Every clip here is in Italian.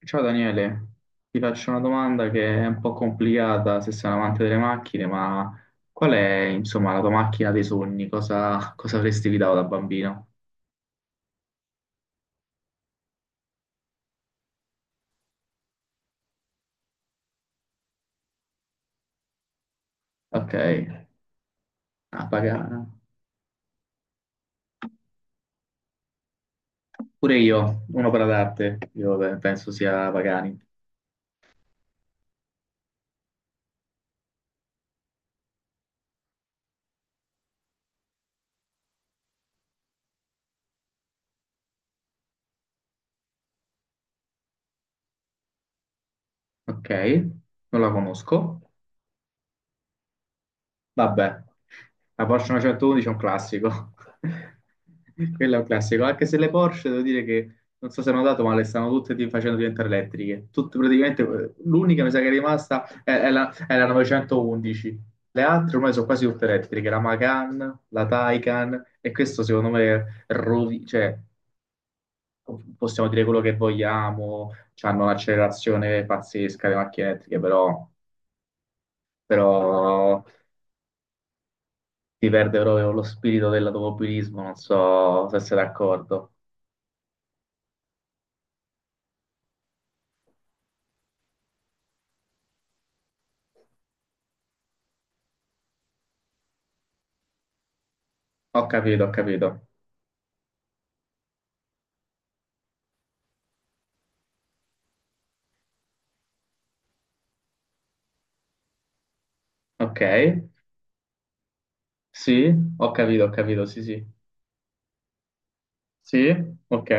Ciao Daniele, ti faccio una domanda che è un po' complicata se sei un amante delle macchine, ma qual è, insomma, la tua macchina dei sogni? Cosa avresti guidato da bambino? Ok, ah, Pagani. Pure io, un'opera d'arte, io beh, penso sia Pagani. Ok, non la conosco. Vabbè, la Porsche 911 è un classico. Quello è un classico, anche se le Porsche devo dire che non so se hanno dato, ma le stanno tutte facendo diventare elettriche. Tutte praticamente, l'unica mi sa che è rimasta è la 911. Le altre ormai sono quasi tutte elettriche, la Macan, la Taycan, e questo secondo me cioè, possiamo dire quello che vogliamo, hanno un'accelerazione pazzesca le macchine elettriche, però si perde proprio lo spirito dell'automobilismo, non so se sei d'accordo. Ho capito, ho capito. Ok, sì, ho capito, sì, sì. Sì, ok.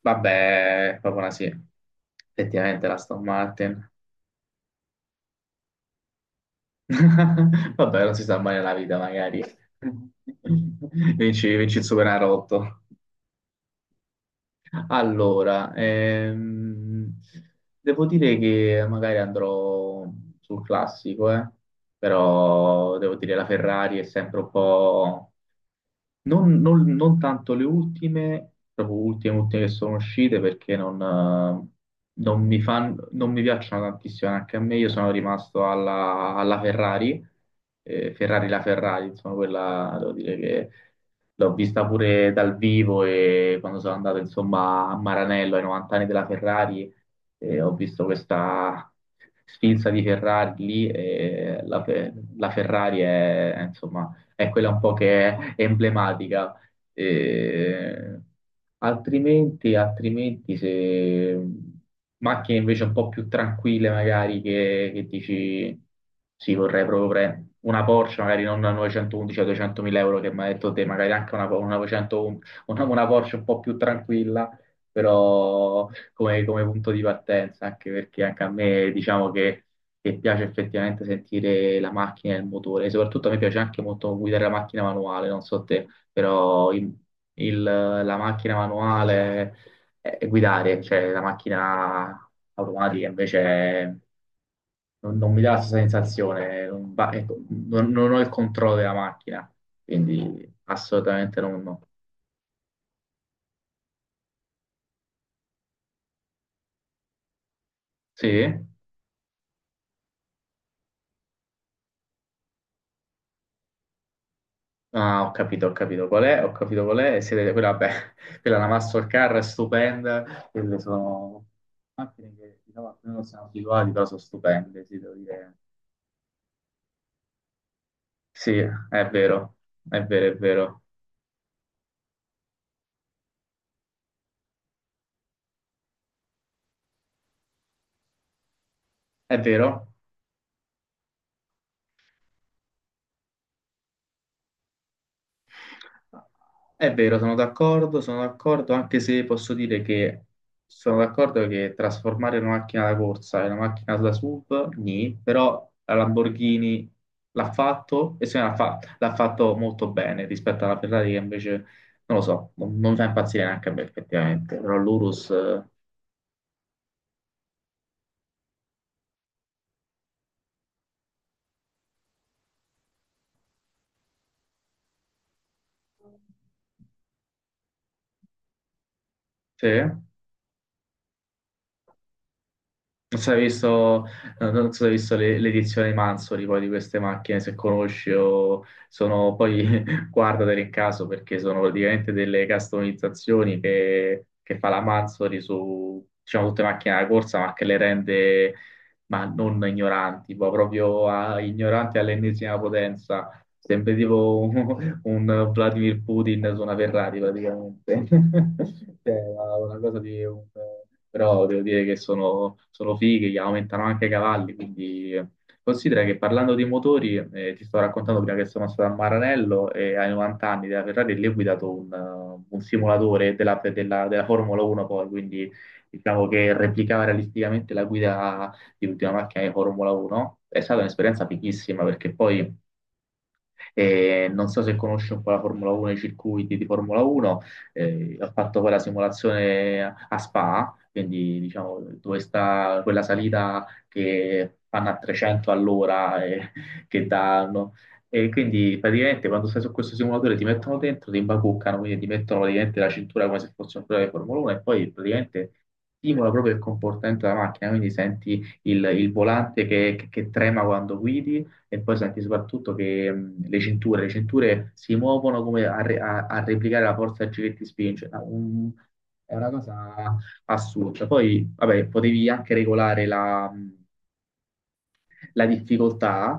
Vabbè, è proprio una sì. Effettivamente la Aston Martin. Vabbè, non si sa mai nella vita, magari. Vinci, vinci il Superenalotto. Allora, devo dire che magari andrò sul classico. Però devo dire la Ferrari è sempre un po'. Non tanto le ultime, proprio ultime, ultime che sono uscite perché non mi piacciono tantissimo anche a me. Io sono rimasto alla Ferrari, la Ferrari, insomma, quella devo dire che l'ho vista pure dal vivo e quando sono andato insomma a Maranello ai 90 anni della Ferrari ho visto questa sfilza di Ferrari lì e la Ferrari è, insomma è quella un po' che è emblematica. Eh, altrimenti, se macchine invece un po' più tranquille, magari che dici sì, vorrei proprio prendere una Porsche, magari non una 911 a 200.000 euro che mi ha detto te, magari anche una 900 una Porsche un po' più tranquilla, però come punto di partenza, anche perché anche a me diciamo che piace effettivamente sentire la macchina e il motore. E soprattutto a me piace anche molto guidare la macchina manuale, non so te, però la macchina manuale è guidare, cioè la macchina automatica invece non mi dà la stessa sensazione, non, va- ecco, non ho il controllo della macchina, quindi assolutamente non. No. Sì? Ah, ho capito, ho capito qual è, e siete, quella, vabbè, quella è la Mastercard è stupenda, quelle sono macchine che diciamo, noi non siamo abituati, però sono stupende, sì, devo dire. Sì, è vero, è vero, è vero, è vero. È vero, sono d'accordo, anche se posso dire che sono d'accordo che trasformare una macchina da corsa in una macchina da SUV, nì, però la Lamborghini l'ha fatto e se l'ha fatto molto bene rispetto alla Ferrari che invece, non lo so, non mi fa impazzire neanche a me effettivamente, però l'Urus, sì. Non so se hai visto, non so se hai visto l'edizione di Manzoli poi di queste macchine, se conosci o sono poi guardatele in caso perché sono praticamente delle customizzazioni che fa la Manzoli su diciamo, tutte le macchine da corsa ma che le rende ma non ignoranti, ma proprio ignoranti all'ennesima potenza. Sempre tipo un Vladimir Putin su una Ferrari praticamente. Cioè, una cosa di un. Però devo dire che sono fighe, che aumentano anche i cavalli, quindi. Considera che parlando di motori, ti sto raccontando prima che sono stato a Maranello e ai 90 anni della Ferrari lì ho guidato un simulatore della Formula 1 poi, quindi diciamo che replicava realisticamente la guida di l'ultima macchina di Formula 1. È stata un'esperienza fighissima perché poi. Non so se conosci un po' la Formula 1, i circuiti di Formula 1, ho fatto poi la simulazione a Spa, quindi diciamo dove sta quella salita che fanno a 300 all'ora e che danno. E quindi praticamente quando stai su questo simulatore ti mettono dentro, ti imbacuccano, quindi ti mettono praticamente la cintura come se fosse un pilota di Formula 1 e poi praticamente stimola proprio il comportamento della macchina, quindi senti il volante che trema quando guidi e poi senti soprattutto che le cinture si muovono come a replicare la forza che ti spinge. Ah, è una cosa assurda. Poi, vabbè, potevi anche regolare la difficoltà.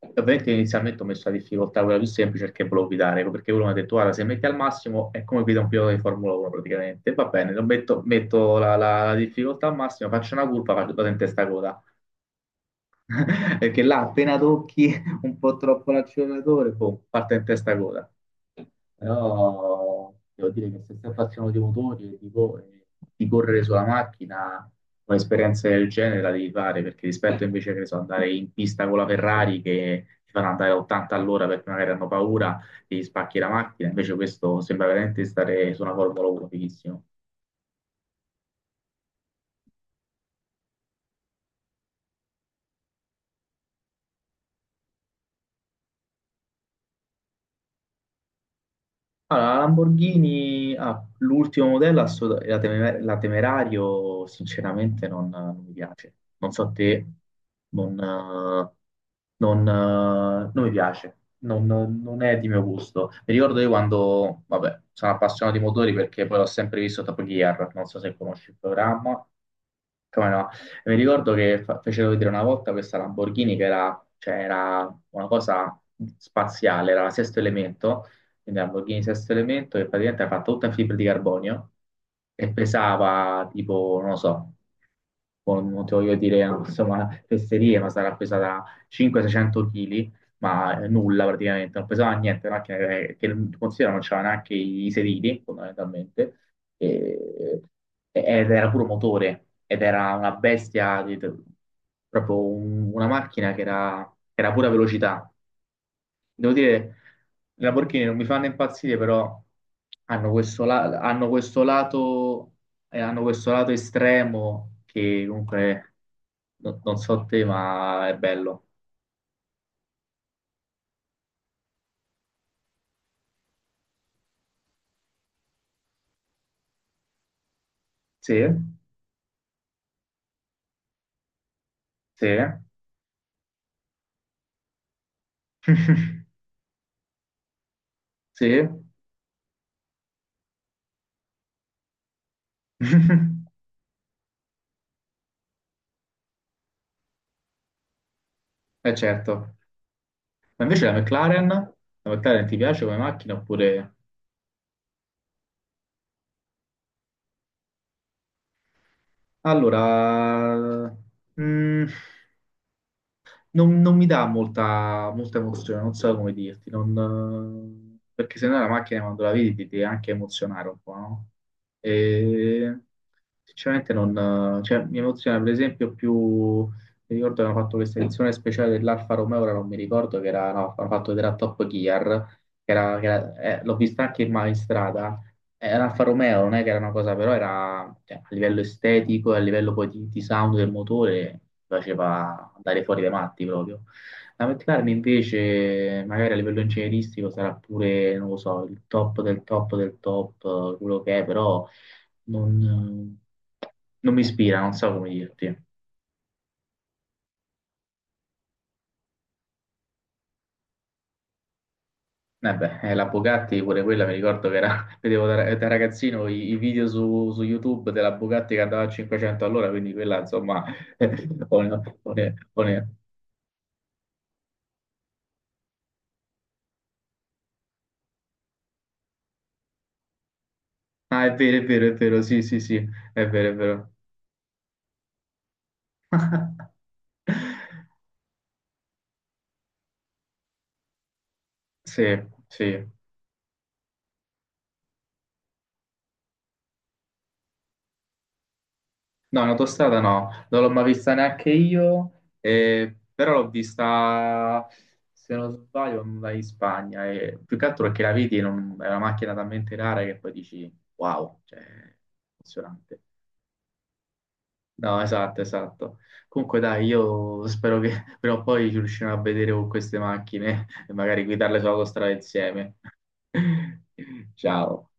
Ovviamente inizialmente ho messo la difficoltà quella più semplice perché volevo guidare, ecco, perché uno mi ha detto, guarda, se metti al massimo è come guida un pilota di Formula 1 praticamente. Va bene, metto la difficoltà al massimo, faccio una curva, faccio vado in testa coda. Perché là appena tocchi un po' troppo l'acceleratore, boh, parte in testa coda. Però devo dire che se stai appassionato di motori e di correre sulla macchina, un'esperienza del genere la devi fare, perché rispetto invece che ne so, andare in pista con la Ferrari che ti fanno andare a 80 all'ora perché magari hanno paura, ti spacchi la macchina, invece questo sembra veramente stare su una Formula 1 fighissimo. Allora, la Lamborghini, ah, l'ultimo modello, la Temerario, sinceramente non mi piace. Non so te, non, eh, non mi piace, non è di mio gusto. Mi ricordo io quando, vabbè, sono appassionato di motori perché poi l'ho sempre visto Top Gear, non so se conosci il programma. Come no? Mi ricordo che fecero vedere una volta questa Lamborghini che era, cioè, era una cosa spaziale, era la sesto elemento, quindi Lamborghini Sesto Elemento, che praticamente era fatta tutta in fibra di carbonio e pesava tipo, non lo so, non ti voglio dire insomma fesserie, ma sarà pesata 500-600 kg, ma nulla praticamente, non pesava niente, una macchina che, considera non c'era neanche i sedili fondamentalmente, e- ed era puro motore, ed era una bestia, proprio una macchina che era, pura velocità. Devo dire, i Lamborghini non mi fanno impazzire, però hanno questo, la- hanno questo lato, hanno questo lato estremo che comunque, non so te, ma è bello. Sì, sì, sì, è certo. Ma invece la McLaren ti piace come macchina oppure. Allora, mm, non mi dà molta, molta emozione, non so come dirti, non, perché se no la macchina quando la vedi ti deve anche emozionare un po', no? E sinceramente non, cioè, mi emoziona per esempio più, mi ricordo che hanno fatto questa edizione speciale dell'Alfa Romeo, ora non mi ricordo che era, no, hanno fatto vedere a Top Gear, che era, l'ho vista anche in strada, l'Alfa Romeo non è che era una cosa, però era cioè, a livello estetico, e a livello poi di sound del motore, faceva andare fuori dai matti proprio. La McLaren invece, magari a livello ingegneristico, sarà pure, non lo so, il top del top del top, quello che è, però non, eh, non mi ispira, non so come dirti. Eh beh, la Bugatti pure quella mi ricordo che era, vedevo da ragazzino i video su YouTube della Bugatti che andava a 500 all'ora, quindi quella insomma. O no. Ah, è vero, è vero, è vero, sì, sì, sì, è vero, è vero. Sì, sì. No, in autostrada no, non l'ho mai vista neanche io, però l'ho vista, se non sbaglio, andai in Spagna, e più che altro perché la vedi, è una macchina talmente rara che poi dici, wow, cioè, impressionante. No, esatto, esatto. Comunque dai, io spero che prima o poi ci riusciremo a vedere con queste macchine e magari guidarle sull'autostrada insieme. Ciao.